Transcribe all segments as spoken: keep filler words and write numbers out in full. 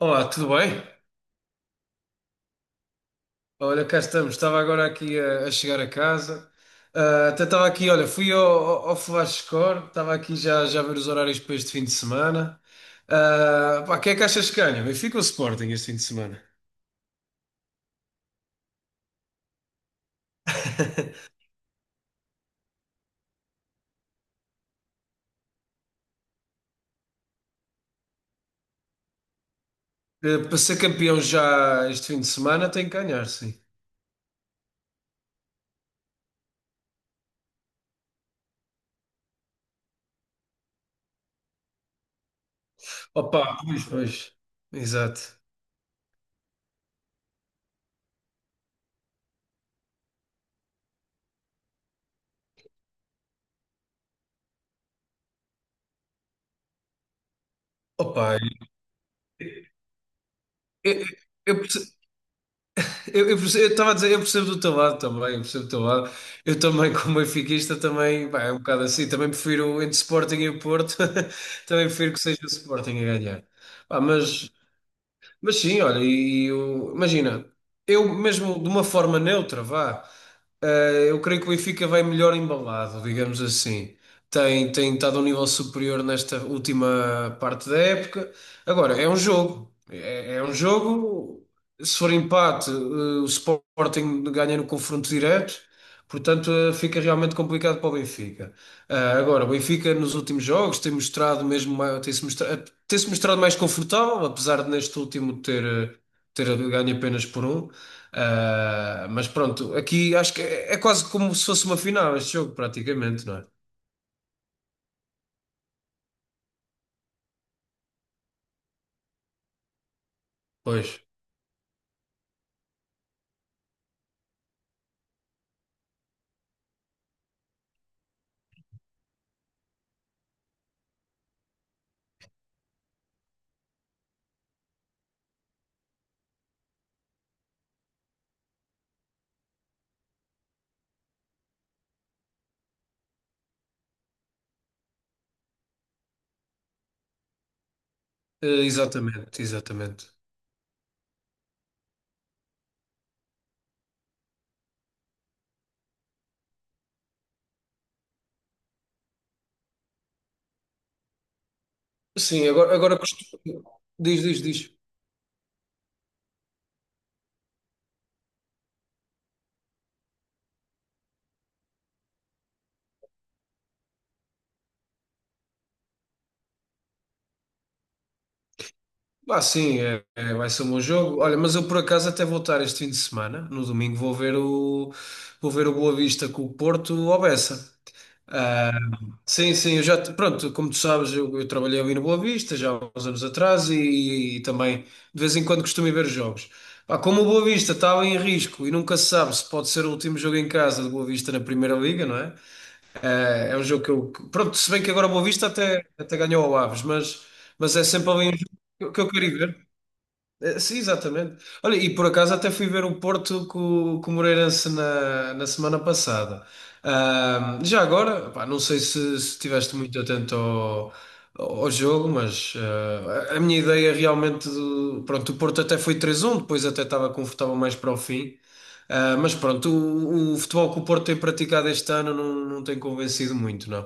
Olá, tudo bem? Olha, cá estamos. Estava agora aqui a, a chegar a casa. Ah, até estava aqui, olha, fui ao, ao, ao Flash Score, estava aqui já, já a ver os horários para este fim de semana. Ah, pá, quem é que achas que ganha? Benfica ou Sporting este fim de semana? Eh, Para ser campeão já este fim de semana tem que ganhar, sim. Opa, pois, pois. Exato. Opa, eu, eu, eu, Eu, eu perce- eu estava a dizer, eu percebo do teu lado também, eu percebo do teu lado. Eu também, como benfiquista, também, pá, é um bocado assim. Também prefiro entre Sporting e o Porto, também prefiro que seja o Sporting a ganhar. Pá, mas mas sim, olha, e eu- imagina, eu mesmo de uma forma neutra, vá, eh, eu creio que o Benfica vai melhor embalado, digamos assim. Tem, tem estado a um nível superior nesta última parte da época. Agora, é um jogo. É, é um jogo. Se for empate, eh, o Sporting ganha no confronto direto, portanto, eh, fica realmente complicado para o Benfica. Ah, agora, o Benfica nos últimos jogos tem mostrado mesmo, tem-se mostrado, tem-se mostrado mais confortável, apesar de neste último ter, eh, ter ganho apenas por um. Ah, mas pronto, aqui acho que é, é quase como se fosse uma final este jogo, praticamente, não é? Pois. Eh, exatamente, exatamente. Sim, agora, agora costu- diz, diz, diz. Ah, sim, é, é, vai ser um bom jogo. Olha, mas eu por acaso até vou estar este fim de semana, no domingo, vou ver o, vou ver o Boa Vista com o Porto ao Bessa. Ah, sim, sim, eu já, te- pronto, como tu sabes, eu, eu trabalhei ali no Boa Vista já há uns anos atrás e, e também de vez em quando costumo ir ver os jogos. Pá, como o Boa Vista estava em risco e nunca se sabe se pode ser o último jogo em casa do Boa Vista na Primeira Liga, não é? Ah, é um jogo que eu, que- pronto, se bem que agora o Boa Vista até, até ganhou ao Aves, mas, mas é sempre ali um jogo que eu que eu quero ir ver. Eh, Sim, exatamente. Olha, e por acaso até fui ver o Porto com, com o Moreirense na, na semana passada. Ahm, já agora, pá, não sei se, se estiveste muito atento ao, ao jogo, mas ah, a a minha ideia realmente, do- pronto, o Porto até foi três a um, depois até estava confortável mais para o fim. Ah, mas pronto, o, o futebol que o Porto tem praticado este ano não, não tem convencido muito, não.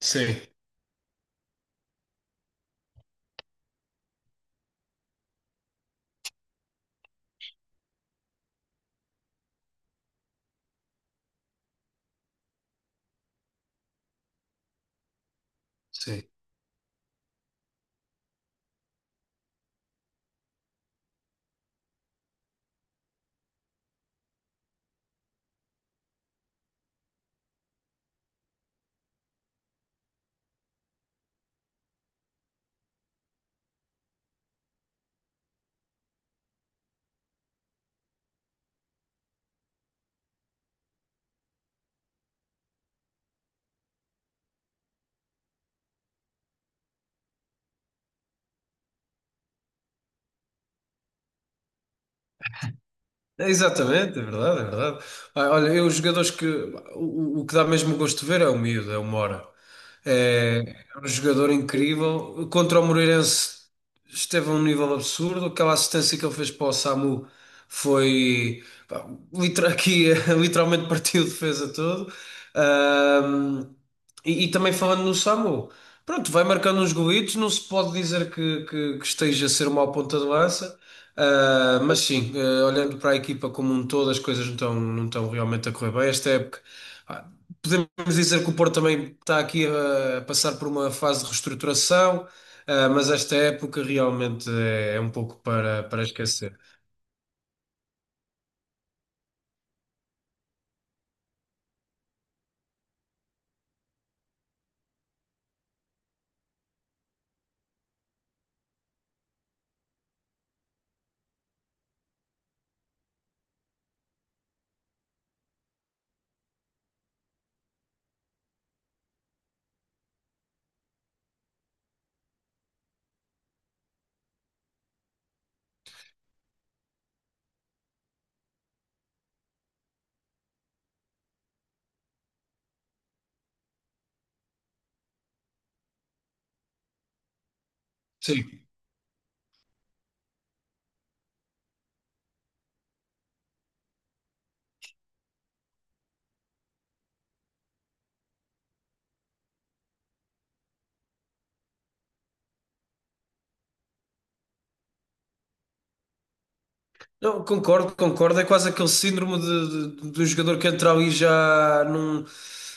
Sim. Sim. É, Exatamente, é verdade, é verdade. Ah, olha, eu, os jogadores que. O, o que dá mesmo gosto de ver é o miúdo, é o Mora. É, é um jogador incrível. Contra o Moreirense esteve a um nível absurdo. Aquela assistência que ele fez para o Samu foi, pá, liter- aqui, literalmente partiu a defesa todo. Ahm, e, e também falando no Samu, pronto, vai marcando uns golitos, não se pode dizer que, que, que esteja a ser uma ponta de lança. Ah, mas sim, ah, olhando para a equipa como um todo, as coisas não estão, não estão realmente a correr bem esta época. Ah, podemos dizer que o Porto também está aqui ah, a passar por uma fase de reestruturação, ah, mas esta época realmente é, é um pouco para, para esquecer. Sim. Não, concordo, concordo. É quase aquele síndrome de, de, de um jogador que entra ali já num,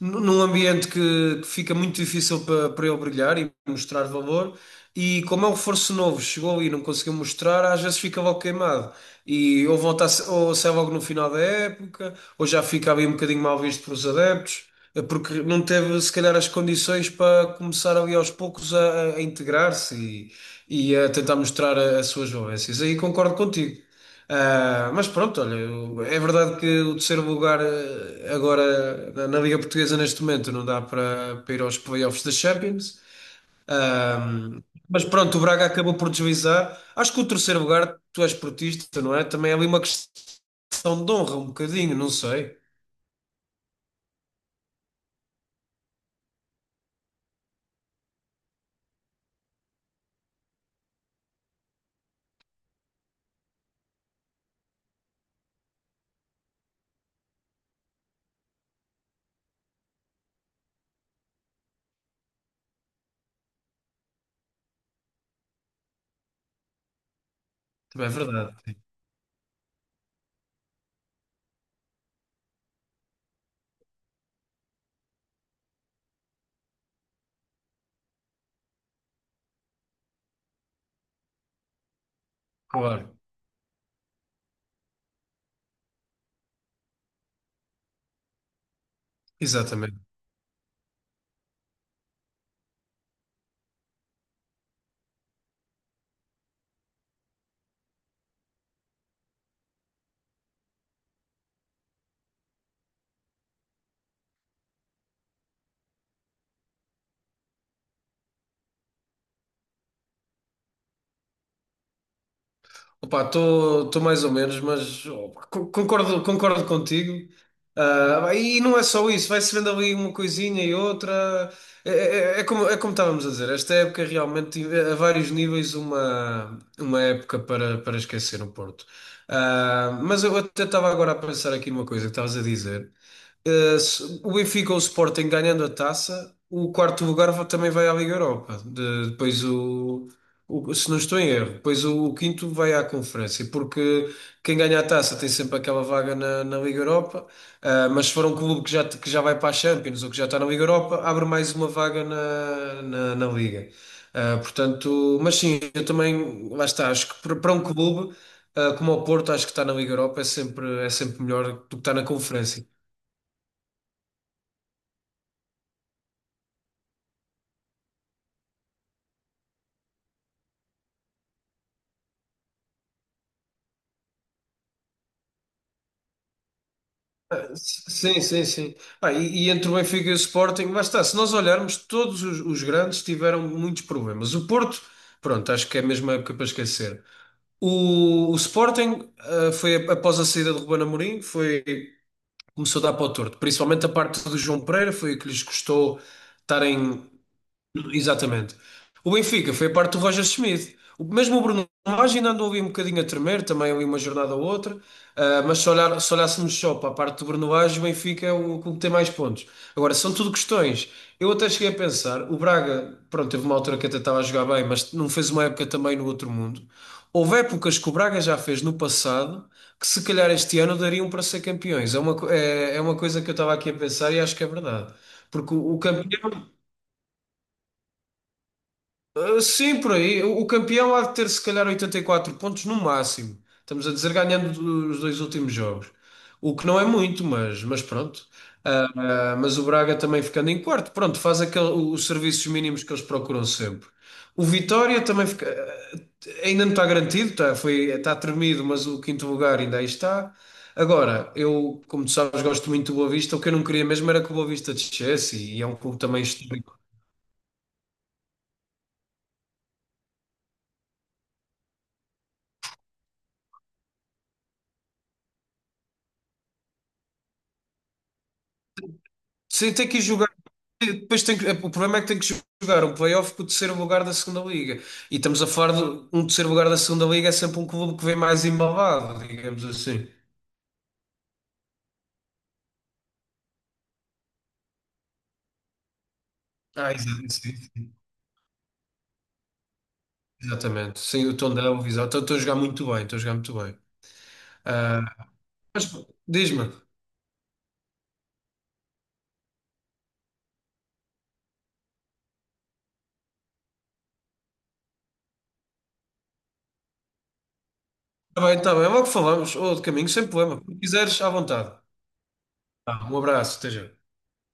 num ambiente que, que fica muito difícil para, para ele brilhar e mostrar valor. E como é um reforço novo, chegou ali e não conseguiu mostrar, às vezes fica logo queimado. E ou volta a, se- Ou sai logo no final da época, ou já fica ali um bocadinho mal visto pelos adeptos, eh, porque não teve se calhar as condições para começar ali aos poucos a, a- a integrar-se e, e a tentar mostrar a- as suas valências. Aí concordo contigo. Ah, mas pronto, olha, é verdade que o terceiro lugar eh, agora na, na Liga Portuguesa neste momento não dá para, para ir aos playoffs da Champions. Ahm, mas pronto, o Braga acabou por deslizar. Acho que o terceiro lugar, tu és portista, não é? Também é ali uma questão de honra, um bocadinho, não sei. Também é verdade. Claro, exatamente. Opa, estou mais ou menos, mas oh, co- concordo, concordo contigo. Ah, e não é só isso, vai-se vendo ali uma coisinha e outra. É, é- é é como, é como estávamos a dizer, esta época realmente, a vários níveis, uma, uma época para, para esquecer no Porto. Ah, mas eu até estava agora a pensar aqui numa coisa que estavas a dizer. Uh, se- o Benfica ou o Sporting ganhando a taça, o quarto lugar va- também vai à Liga Europa. De- depois o, o- se não estou em erro, pois o, o quinto vai à conferência, porque quem ganha a taça tem sempre aquela vaga na, na Liga Europa, ah, mas se for um clube que já, que já vai para a Champions ou que já está na Liga Europa, abre mais uma vaga na, na, na Liga. Ah, portanto, mas sim, eu também, lá está, acho que para para um clube, ah, como o Porto, acho que está na Liga Europa, é sempre, é sempre melhor do que estar na conferência. Sim, sim, sim. Ah, e, e entre o Benfica e o Sporting, basta, se nós olharmos, todos os, os grandes tiveram muitos problemas. O Porto, pronto, acho que é a mesma época para esquecer. O, o Sporting, ah, foi ap- após a saída de Ruben Amorim, foi, começou a dar para o torto. Principalmente a parte do João Pereira, foi o que lhes custou estarem. Exatamente. O Benfica foi a parte do Roger Schmidt. O, mesmo o Bruno Lage ainda andou ali um bocadinho a tremer, também ali uma jornada ou outra. Ah, mas se, olhar, se olhássemos só para a parte do Bruno Lage, o Benfica é o clube que tem mais pontos. Agora, são tudo questões. Eu até cheguei a pensar, o Braga, pronto, teve uma altura que até estava a jogar bem, mas não fez uma época também no outro mundo. Houve épocas que o Braga já fez no passado que se calhar este ano dariam para ser campeões. É uma, co- é, é uma coisa que eu estava aqui a pensar e acho que é verdade. Porque o o campeão Sim, por aí. O o campeão há de ter se calhar oitenta e quatro pontos no máximo. Estamos a dizer ganhando os dois últimos jogos. O que não é muito, mas, mas pronto. Ah, ah, mas o Braga também ficando em quarto, pronto, faz aquele, os serviços mínimos que eles procuram sempre. O Vitória também fica, ah, ainda não está garantido, tá, foi, está tremido, mas o quinto lugar ainda aí está. Agora, eu, como tu sabes, gosto muito do Boa Vista. O que eu não queria mesmo era que o Boa Vista descesse e é um clube também histórico. Sim, tem que ir jogar. Depois tem que- o problema é que tem que jogar um playoff com o terceiro lugar da segunda liga. E estamos a falar de um terceiro lugar da segunda liga é sempre um clube que vem mais embalado, digamos assim. Ah, exa- sim, exatamente. Sim, o Tondela, o Vizela. Estão estão a jogar muito bem, estão a jogar muito bem. Ah, mas diz-me, está bem, está bem, logo falamos, ou de caminho, sem problema. Se quiseres, à vontade. Tá, um abraço, esteja.